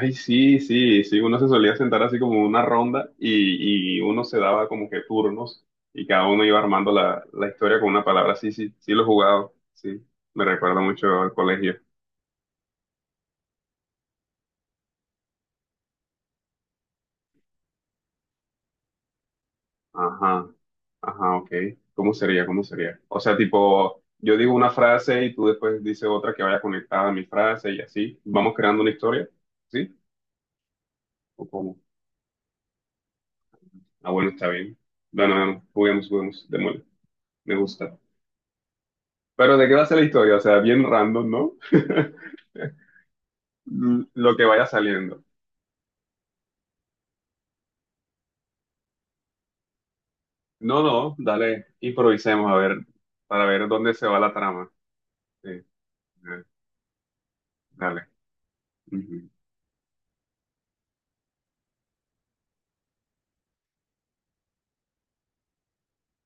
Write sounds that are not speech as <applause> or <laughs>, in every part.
Ay, sí, sí, sí, uno se solía sentar así como en una ronda y uno se daba como que turnos y cada uno iba armando la historia con una palabra. Sí, sí, sí lo he jugado, sí, me recuerda mucho al colegio. Ajá, ajá, ok. ¿Cómo sería? ¿Cómo sería? O sea, tipo, yo digo una frase y tú después dices otra que vaya conectada a mi frase y así. Vamos creando una historia, ¿sí? ¿O cómo? Ah, bueno, está bien. Bueno, bueno, juguemos, juguemos, demonio, me gusta. Pero ¿de qué va a ser la historia? O sea, bien random, ¿no? <laughs> Lo que vaya saliendo. No, no, dale, improvisemos a ver, para ver dónde se va la trama. Sí, dale. Ujú.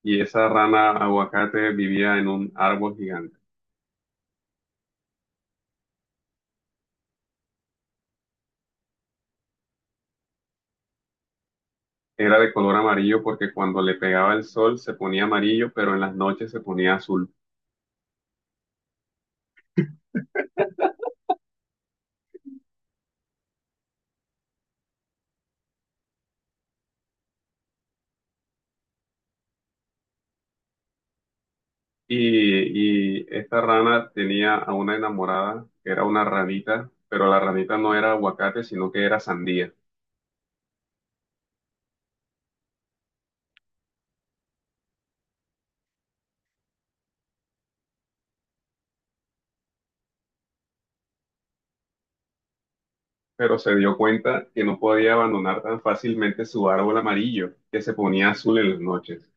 Y esa rana aguacate vivía en un árbol gigante. Era de color amarillo porque cuando le pegaba el sol se ponía amarillo, pero en las noches se ponía azul. Y esta rana tenía a una enamorada, que era una ranita, pero la ranita no era aguacate, sino que era sandía. Pero se dio cuenta que no podía abandonar tan fácilmente su árbol amarillo, que se ponía azul en las noches.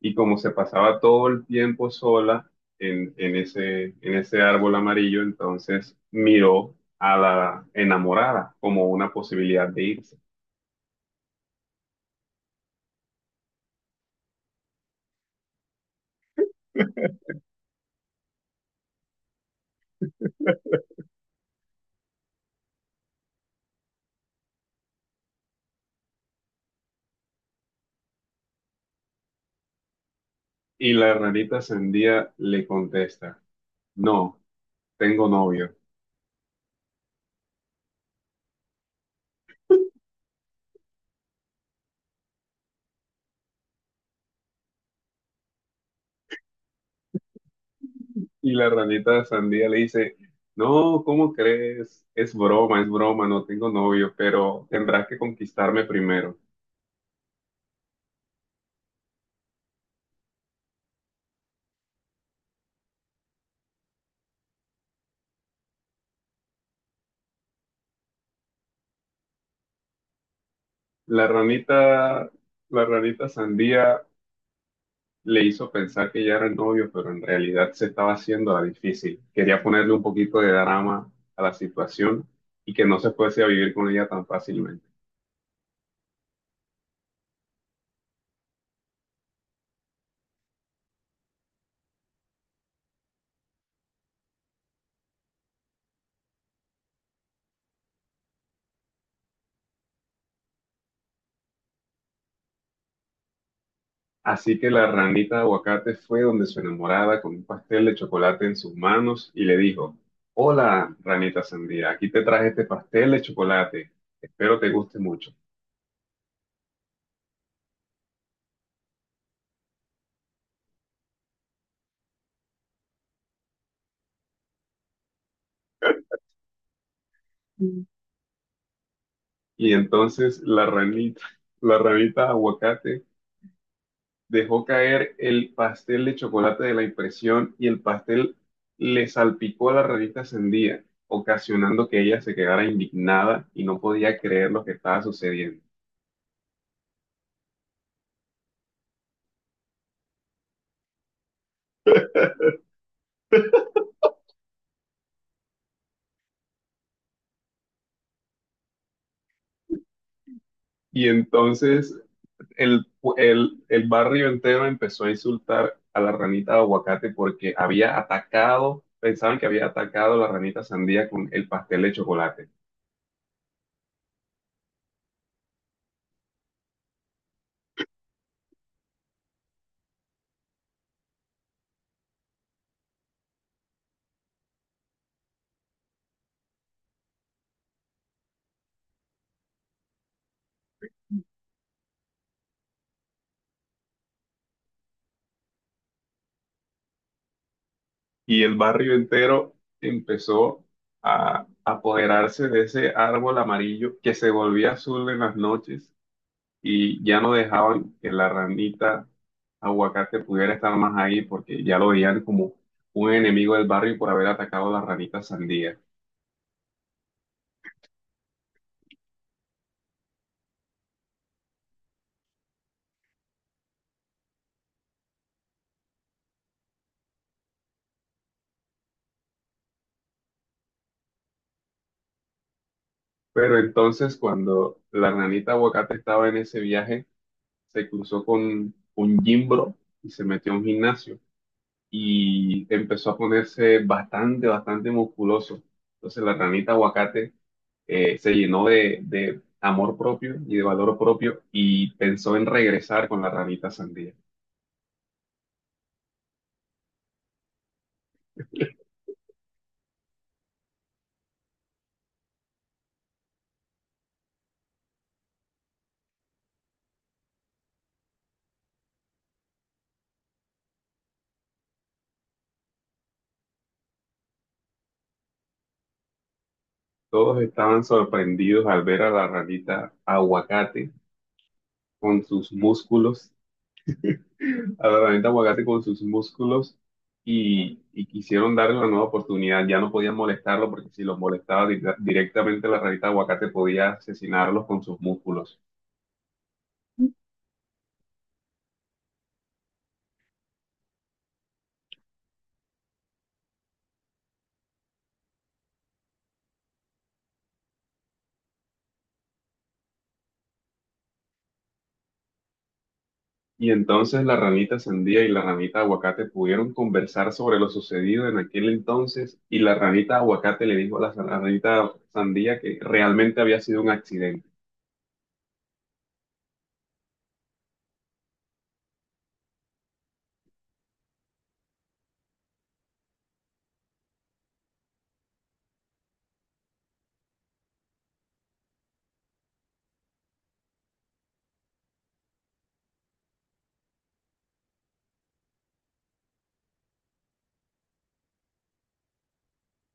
Y como se pasaba todo el tiempo sola en ese árbol amarillo, entonces miró a la enamorada como una posibilidad de irse. Y la ranita sandía le contesta, no, tengo novio. Y la ranita sandía le dice, no, ¿cómo crees? Es broma, no tengo novio, pero tendrás que conquistarme primero. La ranita, la ranita sandía le hizo pensar que ya era el novio, pero en realidad se estaba haciendo la difícil. Quería ponerle un poquito de drama a la situación y que no se fuese a vivir con ella tan fácilmente. Así que la ranita de aguacate fue donde su enamorada con un pastel de chocolate en sus manos y le dijo, hola, ranita sandía, aquí te traje este pastel de chocolate. Espero te guste mucho. Mm. Y entonces la ranita aguacate dejó caer el pastel de chocolate de la impresión y el pastel le salpicó a la revista Sendía, ocasionando que ella se quedara indignada y no podía creer lo que estaba sucediendo. Y entonces el, el barrio entero empezó a insultar a la ranita de aguacate porque había atacado, pensaban que había atacado a la ranita sandía con el pastel de chocolate. Y el barrio entero empezó a apoderarse de ese árbol amarillo que se volvía azul en las noches y ya no dejaban que la ranita aguacate pudiera estar más ahí porque ya lo veían como un enemigo del barrio por haber atacado a la ranita sandía. Pero entonces cuando la ranita aguacate estaba en ese viaje, se cruzó con un gimbro y se metió a un gimnasio. Y empezó a ponerse bastante, bastante musculoso. Entonces la ranita aguacate se llenó de amor propio y de valor propio y pensó en regresar con la ranita sandía. Todos estaban sorprendidos al ver a la ranita aguacate con sus músculos, a la ranita aguacate con sus músculos y quisieron darle una nueva oportunidad. Ya no podían molestarlo porque si los molestaba directamente la ranita aguacate podía asesinarlos con sus músculos. Y entonces la ranita sandía y la ranita aguacate pudieron conversar sobre lo sucedido en aquel entonces y la ranita aguacate le dijo a la a ranita sandía que realmente había sido un accidente.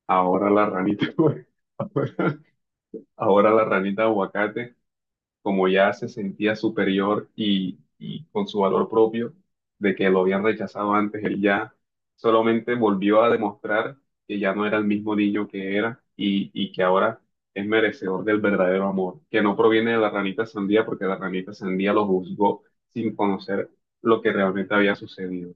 Ahora la ranita, <laughs> ahora la ranita aguacate como ya se sentía superior y con su valor propio de que lo habían rechazado antes, él ya solamente volvió a demostrar que ya no era el mismo niño que era y que ahora es merecedor del verdadero amor, que no proviene de la ranita sandía porque la ranita sandía lo juzgó sin conocer lo que realmente había sucedido.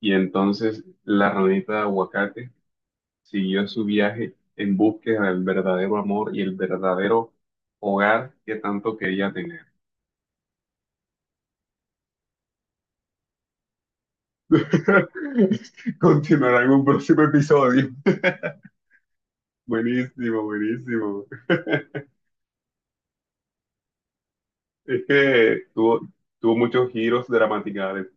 Y entonces la ranita de aguacate siguió su viaje en búsqueda del verdadero amor y el verdadero hogar que tanto quería tener. <laughs> Continuará en un próximo episodio. <laughs> Buenísimo, buenísimo. <laughs> Es que tuvo, tuvo muchos giros gramaticales.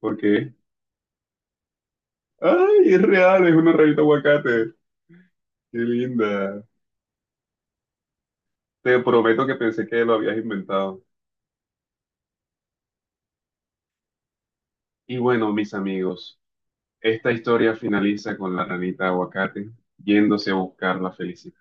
¿Por qué? Ay, es real, es una rayita aguacate. Qué linda. Te prometo que pensé que lo habías inventado. Y bueno, mis amigos, esta historia finaliza con la ranita aguacate yéndose a buscar la felicidad.